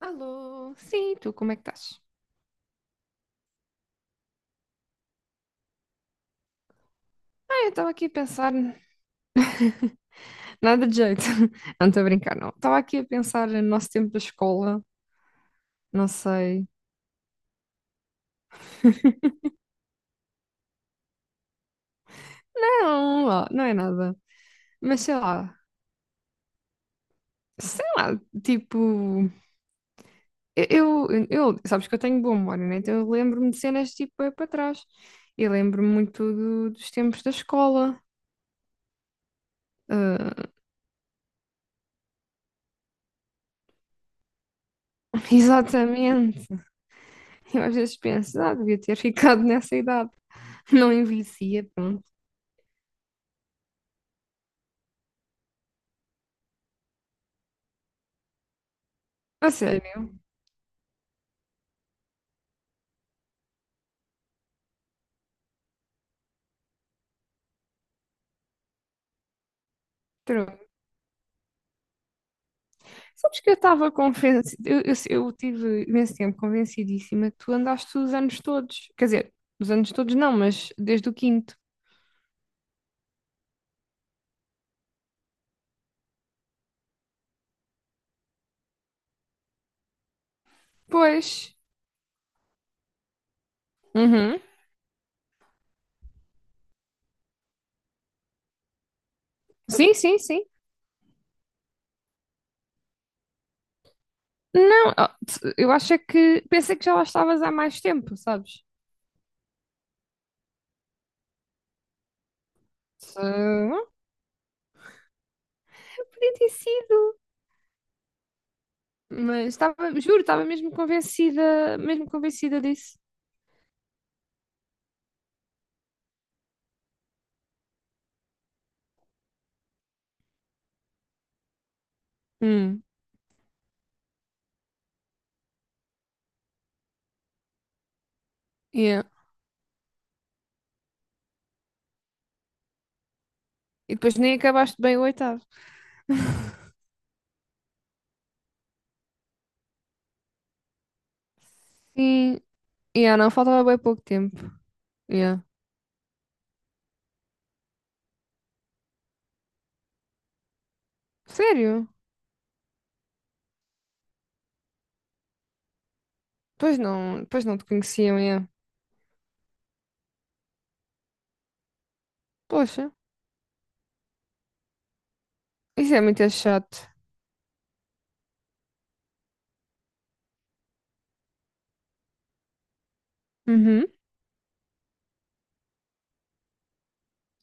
Alô, sim, tu, como é que estás? Ah, eu estava aqui a pensar. Nada de jeito. Não estou a brincar, não. Estava aqui a pensar no nosso tempo da escola, não sei. Não, ó, não é nada. Mas sei lá, tipo. Sabes que eu tenho boa memória, né? Então eu lembro-me de cenas tipo é para trás. Eu lembro-me muito dos tempos da escola. Ah, exatamente. Eu às vezes penso, ah, devia ter ficado nessa idade. Não envelhecia, pronto. A sério? Pronto. Sabes que eu estava convencida, eu tive imenso tempo convencidíssima que tu andaste os anos todos. Quer dizer, os anos todos não, mas desde o quinto. Pois. Uhum. Sim, sim, sim. Não, ó, eu acho é que pensei que já lá estavas há mais tempo, sabes? Se- não, podia ter sido, mas estava, juro, estava mesmo convencida disso. Hum, yeah. E depois nem acabaste bem o oitavo. Sim, yeah, não, faltava bem pouco tempo. Yeah. Sério? Pois não te conheciam, é. Poxa, isso é muito chato. Uhum.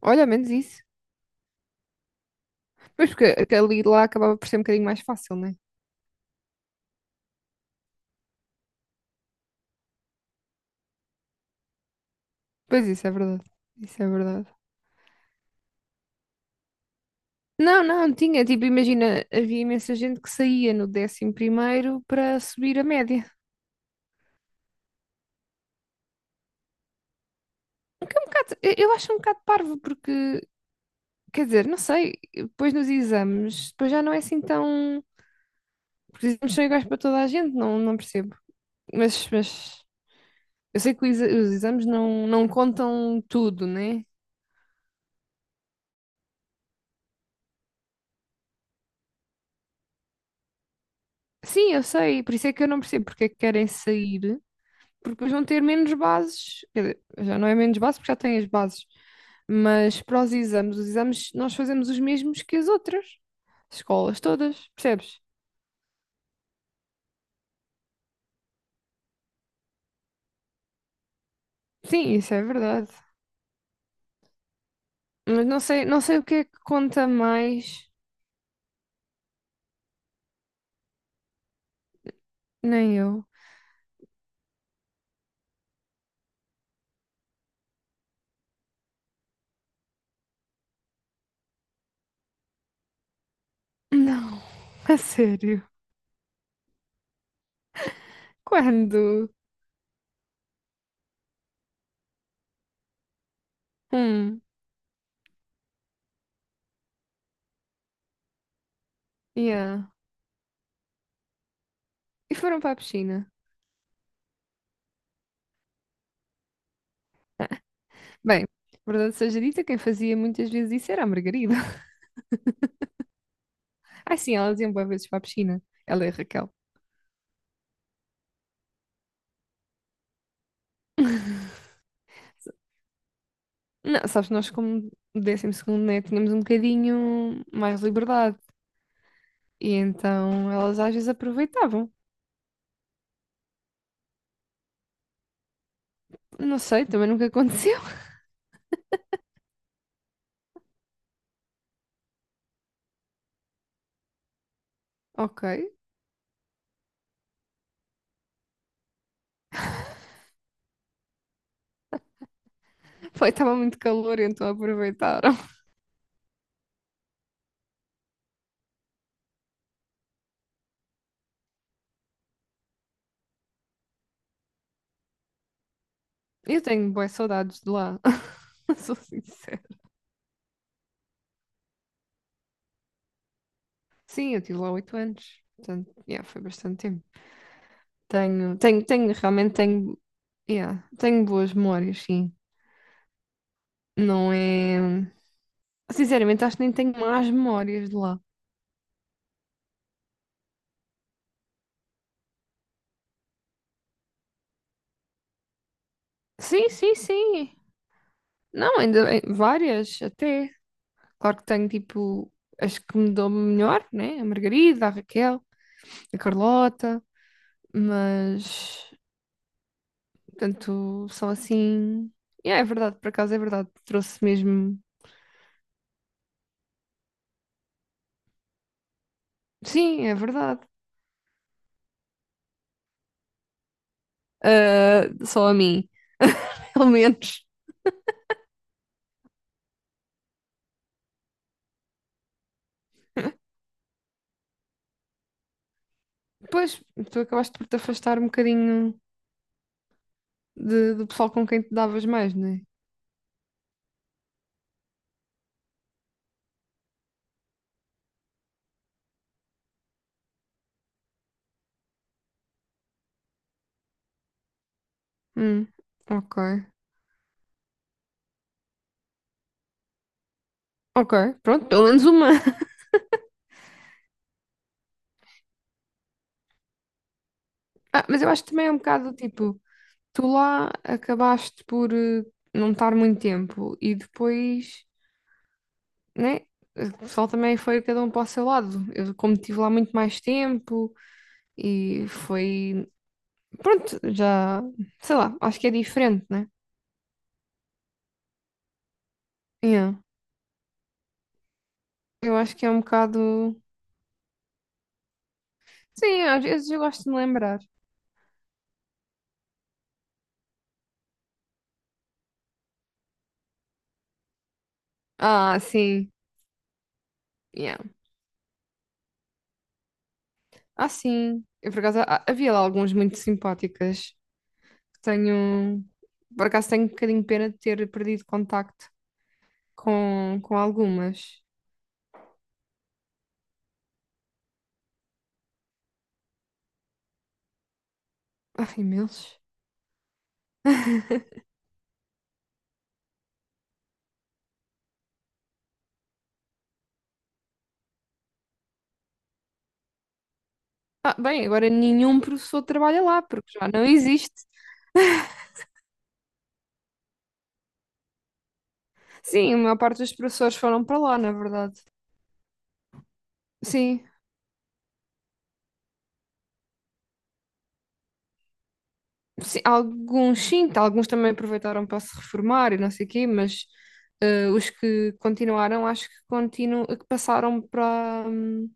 Olha, ao menos isso. Mas porque aquele lá acabava por ser um bocadinho mais fácil, né? Pois isso é verdade. Isso é verdade. Não, não, tinha. Tipo, imagina, havia imensa gente que saía no décimo primeiro para subir a média. O que é um bocado, eu acho um bocado parvo, porque, quer dizer, não sei, depois nos exames, depois já não é assim tão. Porque os exames são iguais para toda a gente, não, não percebo. Mas, mas, Eu sei que os os exames não, não contam tudo, né? Sim, eu sei, por isso é que eu não percebo porque é que querem sair, porque depois vão ter menos bases. Quer dizer, já não é menos bases porque já têm as bases. Mas para os exames nós fazemos os mesmos que as outras escolas todas, percebes? Sim, isso é verdade. Mas não sei, não sei o que é que conta mais, nem eu. Não, a sério. Quando? Hum, yeah. E foram para a piscina. Bem, verdade seja dita, quem fazia muitas vezes isso era a Margarida. Ai sim, elas iam boas vezes para a piscina. Ela e a Raquel. Não, sabes, nós como décimo segundo, né, tínhamos um bocadinho mais liberdade. E então elas às vezes aproveitavam. Não sei, também nunca aconteceu. Ok. Foi, estava muito calor, então aproveitaram. Eu tenho boas saudades de lá. Sou sincera. Sim, eu tive lá 8 anos. Portanto, yeah, foi bastante tempo. Realmente tenho, yeah, tenho boas memórias, sim. Não é. Sinceramente, acho que nem tenho más memórias de lá. Sim, sim, sim. Não, ainda bem, várias até. Claro que tenho tipo as que me dão melhor, né? A Margarida, a Raquel, a Carlota, mas portanto são assim. Yeah, é verdade, por acaso é verdade. Trouxe mesmo. Sim, é verdade. Ah, só a mim, pelo menos. Pois, tu acabaste por te afastar um bocadinho de- do pessoal com quem te davas mais, né? Hum, ok. Ok, pronto, pelo menos uma. Ah, mas eu acho que também é um bocado tipo, tu lá acabaste por não estar muito tempo e depois, né? O pessoal também foi cada um para o seu lado. Eu, como estive lá muito mais tempo e foi. Pronto, já. Sei lá, acho que é diferente, né? Yeah. Eu acho que é um bocado. Sim, às vezes eu gosto de me lembrar. Ah, sim. Yeah. Ah, sim. Eu, por acaso, havia lá alguns muito simpáticas. Tenho, por acaso tenho um bocadinho de pena de ter perdido contacto com algumas. Ah, imensos. Ah, bem, agora nenhum professor trabalha lá, porque já não existe. Sim, a maior parte dos professores foram para lá, na verdade. Sim, sim, alguns sim, tá, alguns também aproveitaram para se reformar e não sei o quê, mas os que continuaram, acho que, continu que passaram para,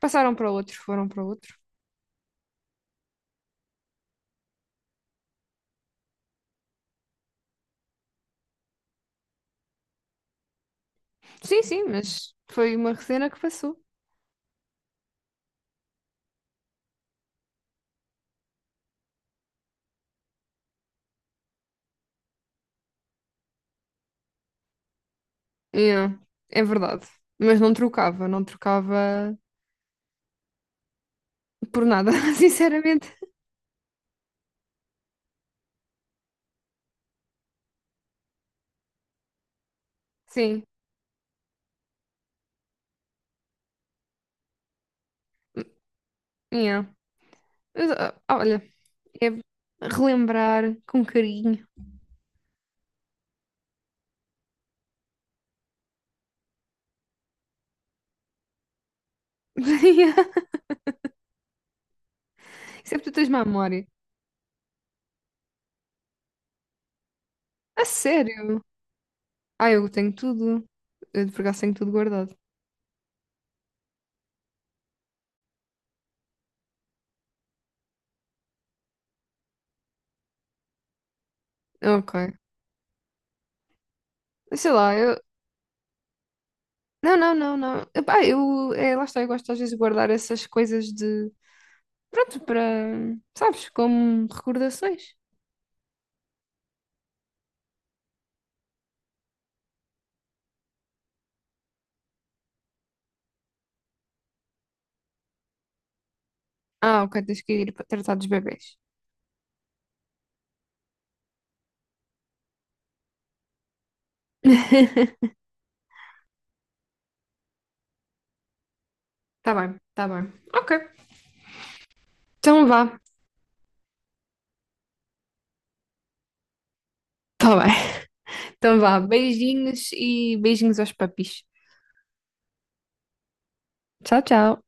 passaram para outro, foram para outro. Sim, sim, mas foi uma cena que passou. Yeah, é verdade. Mas não trocava por nada, sinceramente. Sim, yeah. Mas, ah, olha, é relembrar com carinho. Yeah, isso é porque tu tens má memória. A sério? Ah, eu tenho tudo. Eu de por acaso tenho tudo guardado. Ok. Sei lá, eu. Não, não, não, não. Epá, eu. É, lá está, eu gosto às vezes de guardar essas coisas de. Pronto, para. Sabes, como recordações. Ah, ok, tens que ir para tratar dos bebés. Tá bem, tá bem. Ok. Então vá. Tá bem. Então vá. Beijinhos e beijinhos aos papis. Tchau, tchau.